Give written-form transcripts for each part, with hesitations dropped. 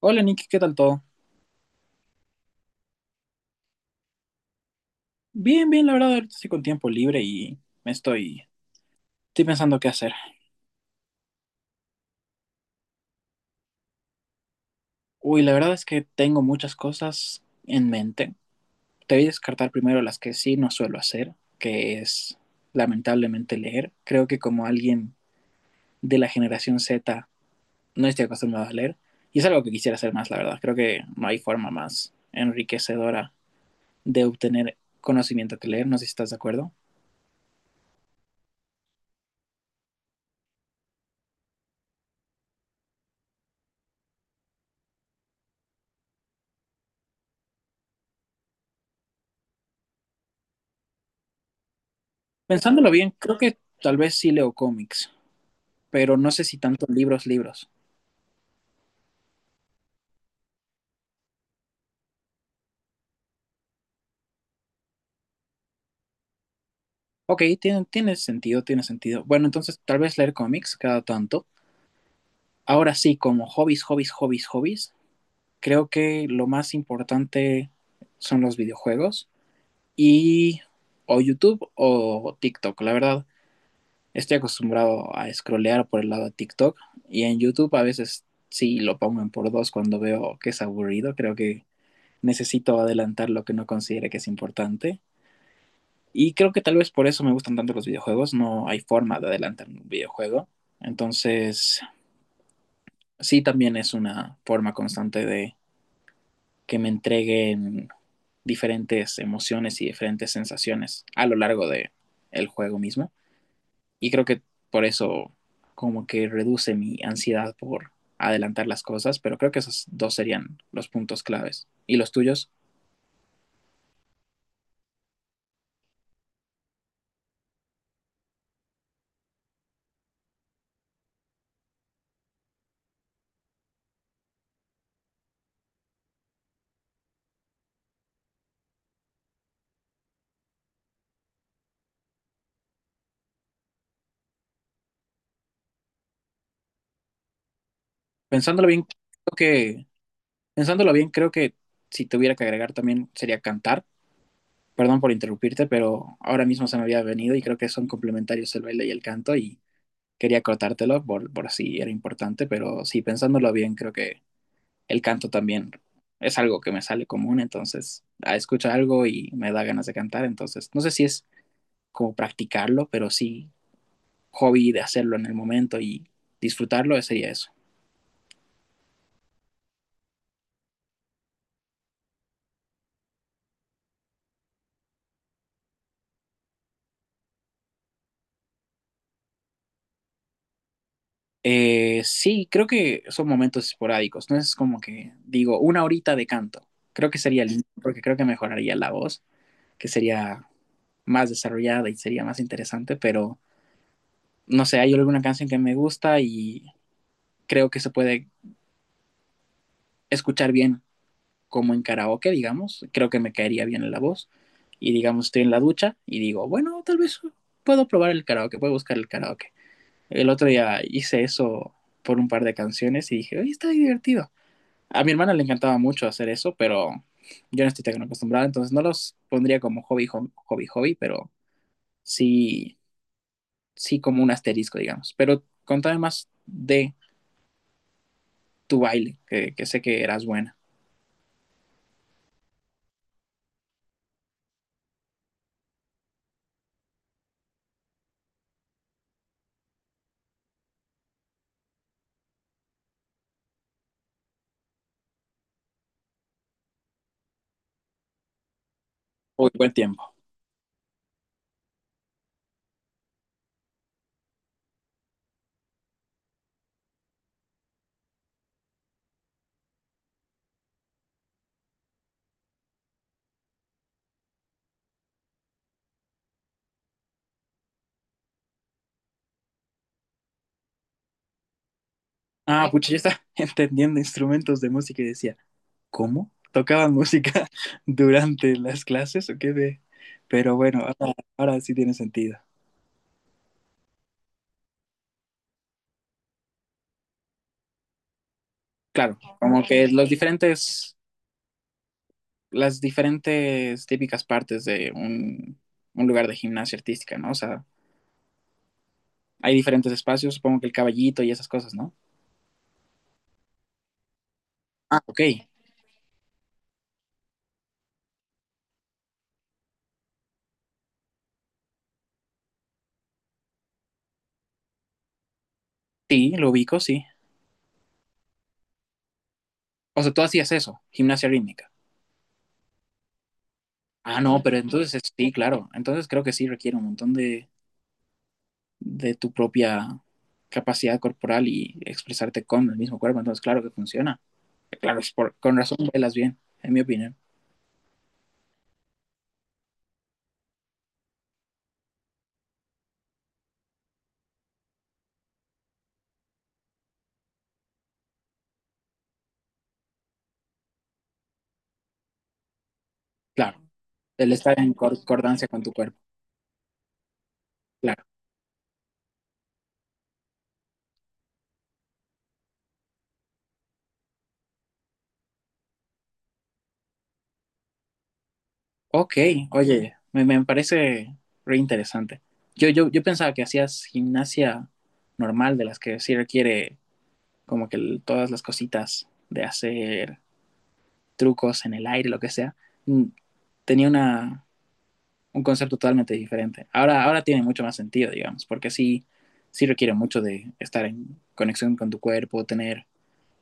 Hola Nicky, ¿qué tal todo? Bien, bien, la verdad, ahorita estoy con tiempo libre y me estoy, estoy pensando qué hacer. Uy, la verdad es que tengo muchas cosas en mente. Te voy a descartar primero las que sí no suelo hacer, que es lamentablemente leer. Creo que como alguien de la generación Z no estoy acostumbrado a leer y es algo que quisiera hacer más, la verdad. Creo que no hay forma más enriquecedora de obtener conocimiento que leer, no sé si estás de acuerdo. Pensándolo bien, creo que tal vez sí leo cómics. Pero no sé si tanto libros, libros. Ok, tiene sentido, tiene sentido. Bueno, entonces tal vez leer cómics cada tanto. Ahora sí, como hobbies, hobbies, hobbies, hobbies, creo que lo más importante son los videojuegos y o YouTube o TikTok. La verdad, estoy acostumbrado a scrollear por el lado de TikTok y en YouTube a veces sí lo pongo en por dos cuando veo que es aburrido. Creo que necesito adelantar lo que no considere que es importante. Y creo que tal vez por eso me gustan tanto los videojuegos, no hay forma de adelantar un videojuego. Entonces, sí, también es una forma constante de que me entreguen diferentes emociones y diferentes sensaciones a lo largo de el juego mismo. Y creo que por eso como que reduce mi ansiedad por adelantar las cosas, pero creo que esos dos serían los puntos claves. ¿Y los tuyos? Pensándolo bien, creo que Pensándolo bien, creo que si tuviera que agregar también sería cantar, perdón por interrumpirte, pero ahora mismo se me había venido y creo que son complementarios el baile y el canto y quería cortártelo por si era importante, pero sí, pensándolo bien, creo que el canto también es algo que me sale común, entonces escucho algo y me da ganas de cantar, entonces no sé si es como practicarlo, pero sí hobby de hacerlo en el momento y disfrutarlo sería eso. Sí, creo que son momentos esporádicos, no es como que digo una horita de canto, creo que sería lindo porque creo que mejoraría la voz, que sería más desarrollada y sería más interesante, pero no sé, hay alguna canción que me gusta y creo que se puede escuchar bien como en karaoke, digamos, creo que me caería bien en la voz y digamos estoy en la ducha y digo, bueno, tal vez puedo probar el karaoke, puedo buscar el karaoke. El otro día hice eso por un par de canciones y dije, oye, está divertido. A mi hermana le encantaba mucho hacer eso, pero yo no estoy tan acostumbrada, entonces no los pondría como hobby, hobby, hobby, pero sí sí como un asterisco, digamos. Pero contame más de tu baile, que sé que eras buena. Uy, buen tiempo. Ah, ay, pucha, ya está entendiendo instrumentos de música y decía, ¿cómo? ¿Tocaban música durante las clases o qué de? Pero bueno, ahora sí tiene sentido. Claro, como que las diferentes típicas partes de un lugar de gimnasia artística, ¿no? O sea, hay diferentes espacios, supongo que el caballito y esas cosas, ¿no? Ah, ok. Sí, lo ubico, sí. O sea, tú hacías eso, gimnasia rítmica. Ah, no, pero entonces sí, claro. Entonces creo que sí requiere un montón de tu propia capacidad corporal y expresarte con el mismo cuerpo. Entonces, claro que funciona. Claro, con razón bailas bien, en mi opinión. Claro, el estar en concordancia con tu cuerpo. Claro. Ok, oye, me parece re interesante. Yo pensaba que hacías gimnasia normal, de las que sí requiere como que todas las cositas de hacer trucos en el aire, lo que sea, mm, tenía un concepto totalmente diferente. Ahora tiene mucho más sentido, digamos, porque sí, sí requiere mucho de estar en conexión con tu cuerpo, tener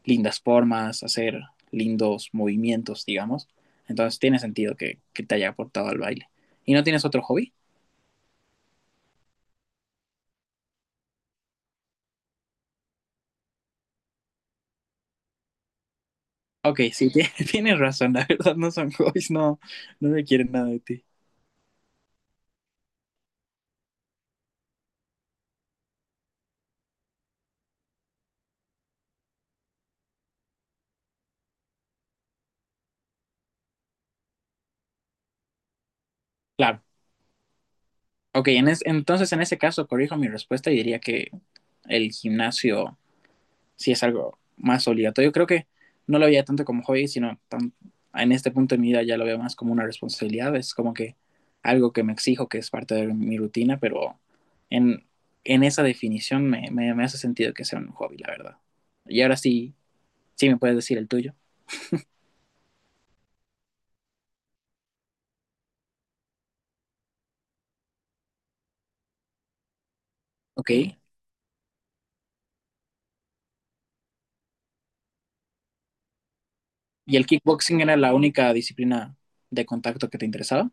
lindas formas, hacer lindos movimientos, digamos. Entonces tiene sentido que te haya aportado al baile. ¿Y no tienes otro hobby? Ok, sí, tienes razón, la verdad no son hobbies, no, no me quieren nada de ti. Claro, ok, entonces en ese caso corrijo mi respuesta y diría que el gimnasio sí es algo más obligatorio. Creo que no lo veía tanto como hobby, sino en este punto de mi vida ya lo veo más como una responsabilidad. Es como que algo que me exijo, que es parte de mi rutina, pero en, en esa definición me hace sentido que sea un hobby, la verdad. Y ahora sí, sí me puedes decir el tuyo. Ok. ¿Y el kickboxing era la única disciplina de contacto que te interesaba?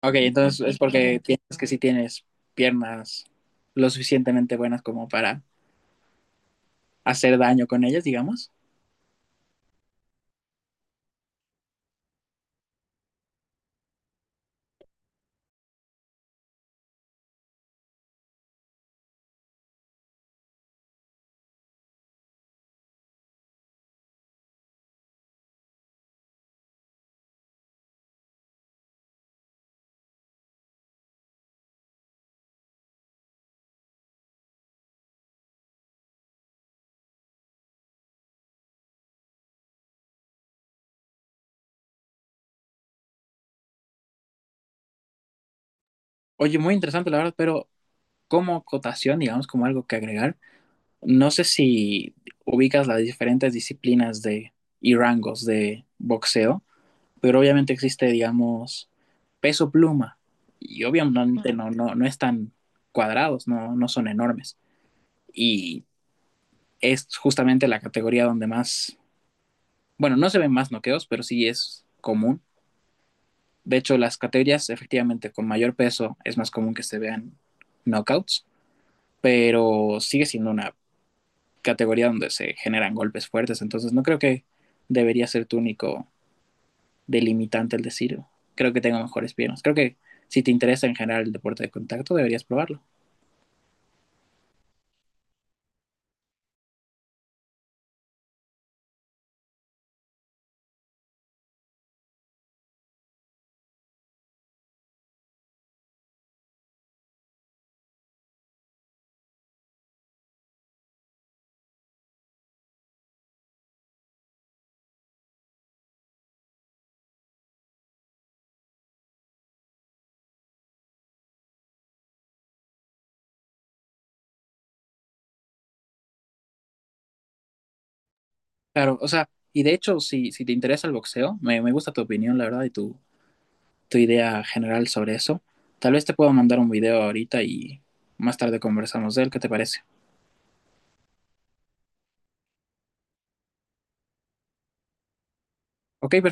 Ok, entonces es porque piensas que sí tienes piernas lo suficientemente buenas como para hacer daño con ellas, digamos. Oye, muy interesante, la verdad, pero como cotación, digamos, como algo que agregar, no sé si ubicas las diferentes disciplinas de y rangos de boxeo, pero obviamente existe, digamos, peso pluma, y obviamente Ujú. No, no, no están cuadrados, no, no son enormes. Y es justamente la categoría donde más, bueno, no se ven más noqueos, pero sí es común. De hecho, las categorías efectivamente con mayor peso es más común que se vean knockouts, pero sigue siendo una categoría donde se generan golpes fuertes, entonces no creo que debería ser tu único delimitante el decir, creo que tengo mejores piernas. Creo que si te interesa en general el deporte de contacto, deberías probarlo. Claro, o sea, y de hecho, si te interesa el boxeo, me gusta tu opinión, la verdad, y tu idea general sobre eso. Tal vez te puedo mandar un video ahorita y más tarde conversamos de él, ¿qué te parece? Ok, perfecto.